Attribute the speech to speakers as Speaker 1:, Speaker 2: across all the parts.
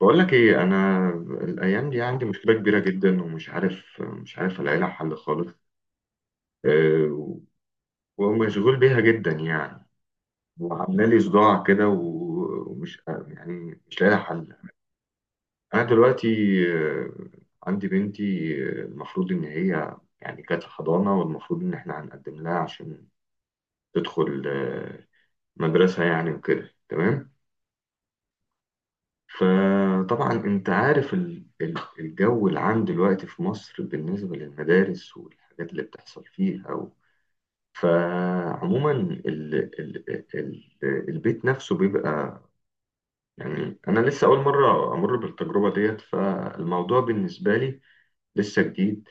Speaker 1: بقول لك ايه انا. الايام دي عندي مشكله كبيره جدا، ومش عارف، مش عارف الاقي لها حل خالص. أه. ومشغول بيها جدا يعني، وعامله لي صداع كده، ومش يعني مش لاقي لها حل. انا دلوقتي، أه عندي بنتي. المفروض ان هي يعني كانت في حضانه، والمفروض ان احنا هنقدم لها عشان تدخل مدرسه يعني وكده، تمام. فطبعا انت عارف الجو العام دلوقتي في مصر بالنسبة للمدارس والحاجات اللي بتحصل فيها. فعموما ال... البيت نفسه بيبقى، يعني انا لسه اول مرة امر بالتجربة ديت، فالموضوع بالنسبة لي لسه جديد.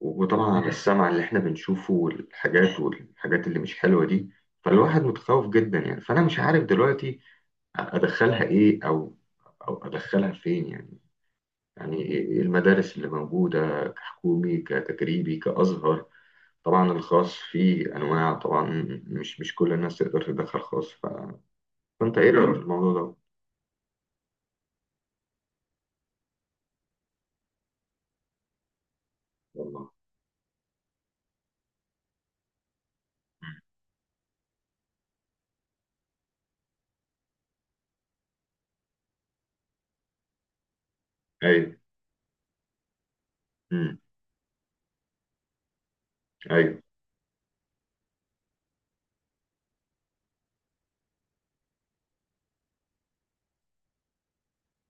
Speaker 1: وطبعا على السمع اللي احنا بنشوفه، والحاجات اللي مش حلوة دي، فالواحد متخوف جدا يعني. فانا مش عارف دلوقتي ادخلها ايه، او ادخلها فين يعني. يعني المدارس اللي موجودة، كحكومي كتجريبي كأزهر، طبعا الخاص فيه أنواع طبعا، مش كل الناس تقدر تدخل خاص، فأنت إيه رأيك في بجد الموضوع ده؟ والله. أيوه. أمم. أيوه.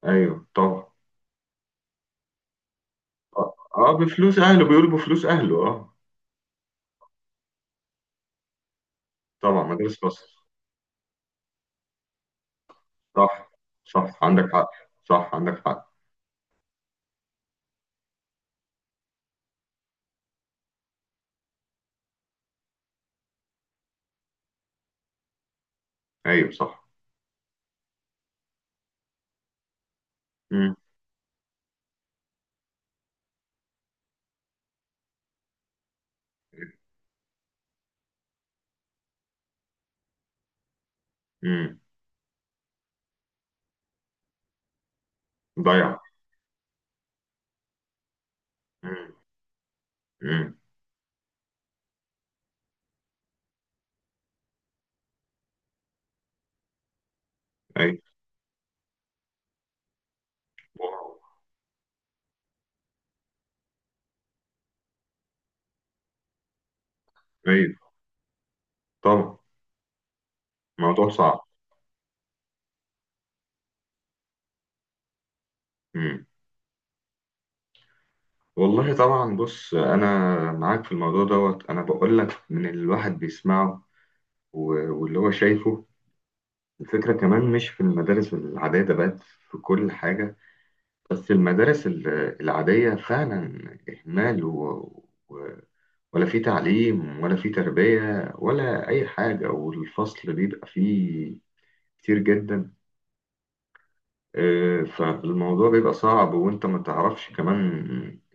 Speaker 1: أيوه طبعا. أه. آه، بفلوس أهله، بيقولوا بفلوس أهله. أه. طبعا مدارس خاصة. صح. صح عندك حق. صح عندك حق. أيوه صح. أمم. أمم. ضيع. أمم. أمم. أيوه. واو. أيوه طبعا. موضوع صعب. أمم. والله طبعا. بص انا معاك في الموضوع دوت، انا بقول لك من اللي الواحد بيسمعه واللي هو شايفه. الفكره كمان مش في المدارس العاديه، ده بقت في كل حاجه. بس المدارس العاديه فعلا اهمال و... ولا في تعليم، ولا في تربيه، ولا اي حاجه، والفصل بيبقى فيه كتير جدا. فالموضوع بيبقى صعب، وانت ما تعرفش كمان.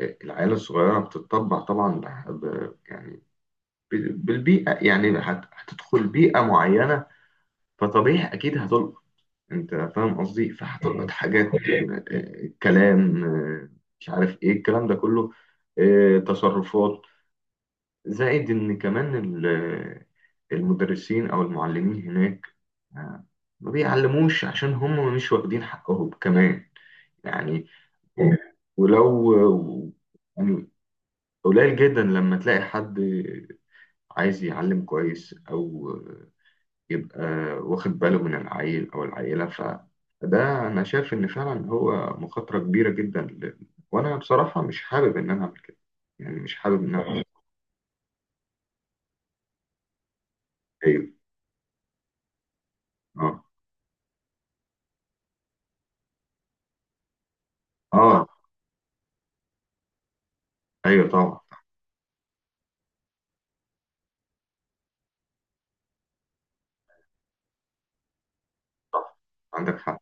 Speaker 1: العيال الصغيره بتتطبع طبعا، يعني بالبيئة، يعني هتدخل بيئة معينة، فطبيعي أكيد هتلقط. أنت فاهم قصدي؟ فهتلقط حاجات، كلام، مش عارف إيه الكلام ده كله، تصرفات. زائد إن كمان المدرسين أو المعلمين هناك، آه، ما بيعلموش عشان هم مش واخدين حقهم كمان يعني. ولو يعني قليل جدا لما تلاقي حد عايز يعلم كويس، أو يبقى واخد باله من العيل أو العيلة، فده أنا شايف إن فعلا هو مخاطرة كبيرة جدا. وأنا بصراحة مش حابب إن أنا أعمل كده يعني، مش حابب إن أنا أعمل كده. أيوه. أه. أه. أيوه طبعا. طبعا عندك حق.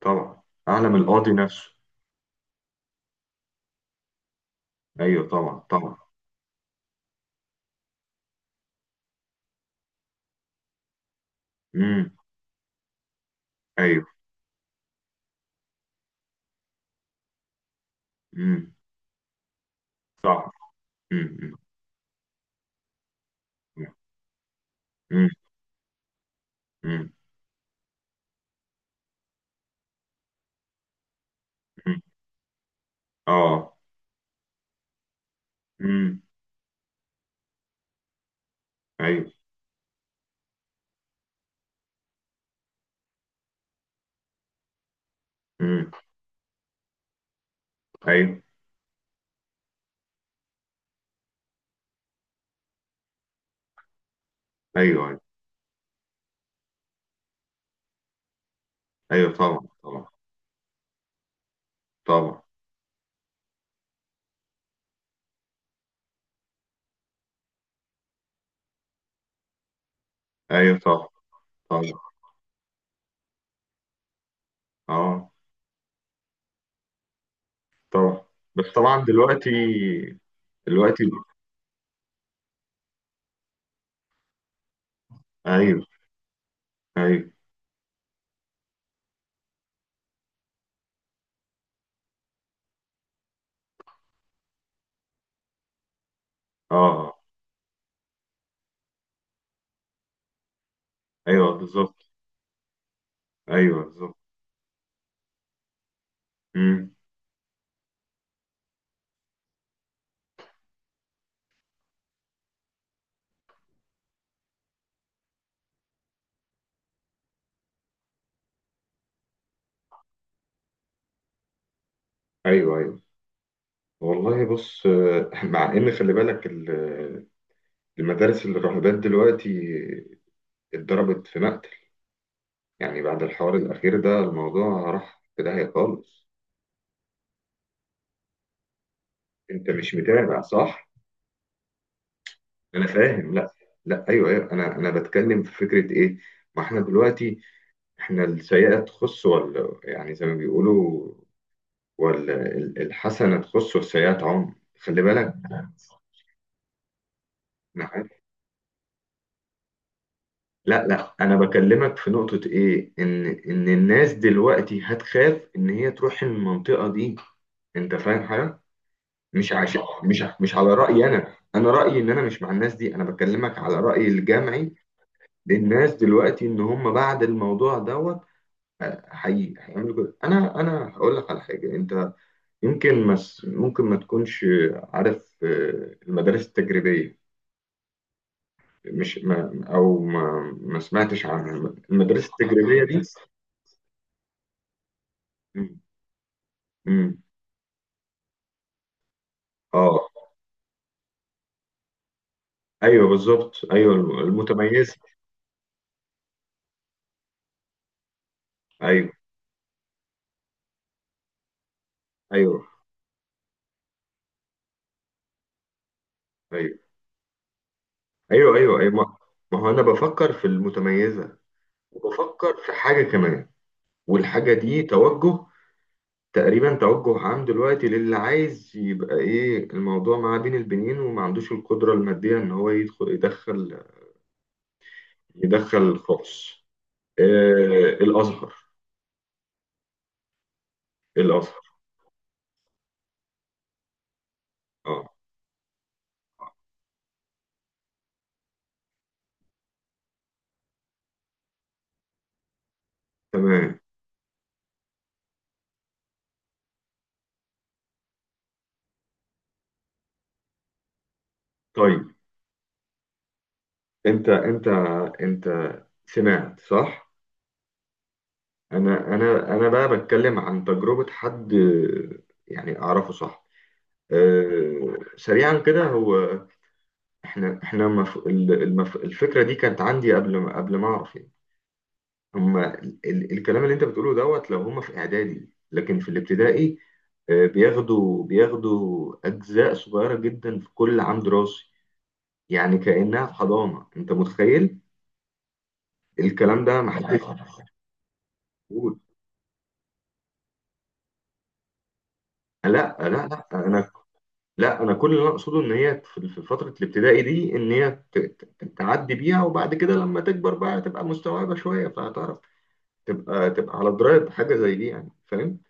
Speaker 1: طبعا أعلم القاضي نفسه. أيوه طبعا طبعا. أمم. أيوه. أمم. صح. أمم. أمم. أمم. أمم. أمم. أه. أمم. أيوه. أمم. أيوه أيوه. أيوه. أيوه. طبعا طبعا طبعا. أيوه طبعا طبعا. أه. طبعا. بس طبعا دلوقتي، دلوقتي. ايوه. ايوه. اه. ايوه بالظبط. ايوه بالظبط. امم. ايوه. ايوه. والله بص مع ان خلي بالك المدارس الراهبات دلوقتي اتضربت في مقتل، يعني بعد الحوار الاخير ده الموضوع راح في داهيه خالص. انت مش متابع، صح؟ انا فاهم. لا. لا ايوه ايوه. انا بتكلم في فكره ايه، ما احنا دلوقتي، احنا السيئه تخص ولا، يعني زي ما بيقولوا، والحسنة تخص والسيئة تعم. خلي بالك أنا عارف. لا لا، أنا بكلمك في نقطة إيه، إن الناس دلوقتي هتخاف إن هي تروح المنطقة دي. أنت فاهم حاجة؟ مش عش... مش على رأيي، أنا رأيي إن أنا مش مع الناس دي، أنا بكلمك على رأيي الجمعي للناس دلوقتي، إن هم بعد الموضوع دوت هي هيعملوا كده. أنا هقول لك على حاجة. أنت يمكن ممكن ما تكونش عارف، المدارس التجريبية، مش ما او ما, ما سمعتش عن المدرسه التجريبيه دي. مم. مم. اه. ايوه بالظبط. ايوه المتميزه. ايوه ايوه ايوه. ايوه ايوه ايوه ما. ما هو انا بفكر في المتميزه، وبفكر في حاجه كمان. والحاجه دي توجه، تقريبا توجه عام دلوقتي للي عايز يبقى ايه الموضوع معاه بين البنين، وما عندوش القدره الماديه ان هو يدخل خاص. آه. الازهر. الازهر. اه. تمام. طيب. انت انت انت سمعت صح؟ انا بقى بتكلم عن تجربة حد يعني اعرفه، صح. أه سريعا كده هو، احنا احنا مف... ال- المف... الفكرة دي كانت عندي قبل ما اعرف يعني. هما الكلام اللي انت بتقوله دوت، لو هما في اعدادي، لكن في الابتدائي بياخدوا اجزاء صغيرة جدا في كل عام دراسي، يعني كأنها في حضانة. انت متخيل؟ الكلام ده محدش. لا. لا. لا انا. لا انا كل اللي أنا اقصده ان هي في فتره الابتدائي دي، ان هي تعدي بيها، وبعد كده لما تكبر بقى تبقى مستوعبه شويه، فهتعرف تبقى على درايه بحاجه زي دي يعني. فاهم؟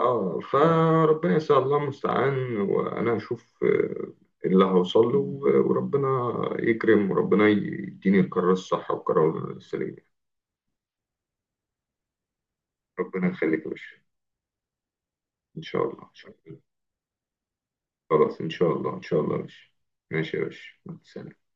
Speaker 1: اه. فربنا ان شاء الله المستعان، وانا هشوف اللي هوصل له، وربنا يكرم، وربنا يديني القرار الصح والقرار السليم. ربنا يخليك يا باشا. ان شاء الله ان شاء الله. خلاص ان شاء الله ان شاء الله يا باشا. ماشي يا باشا، مع السلامة.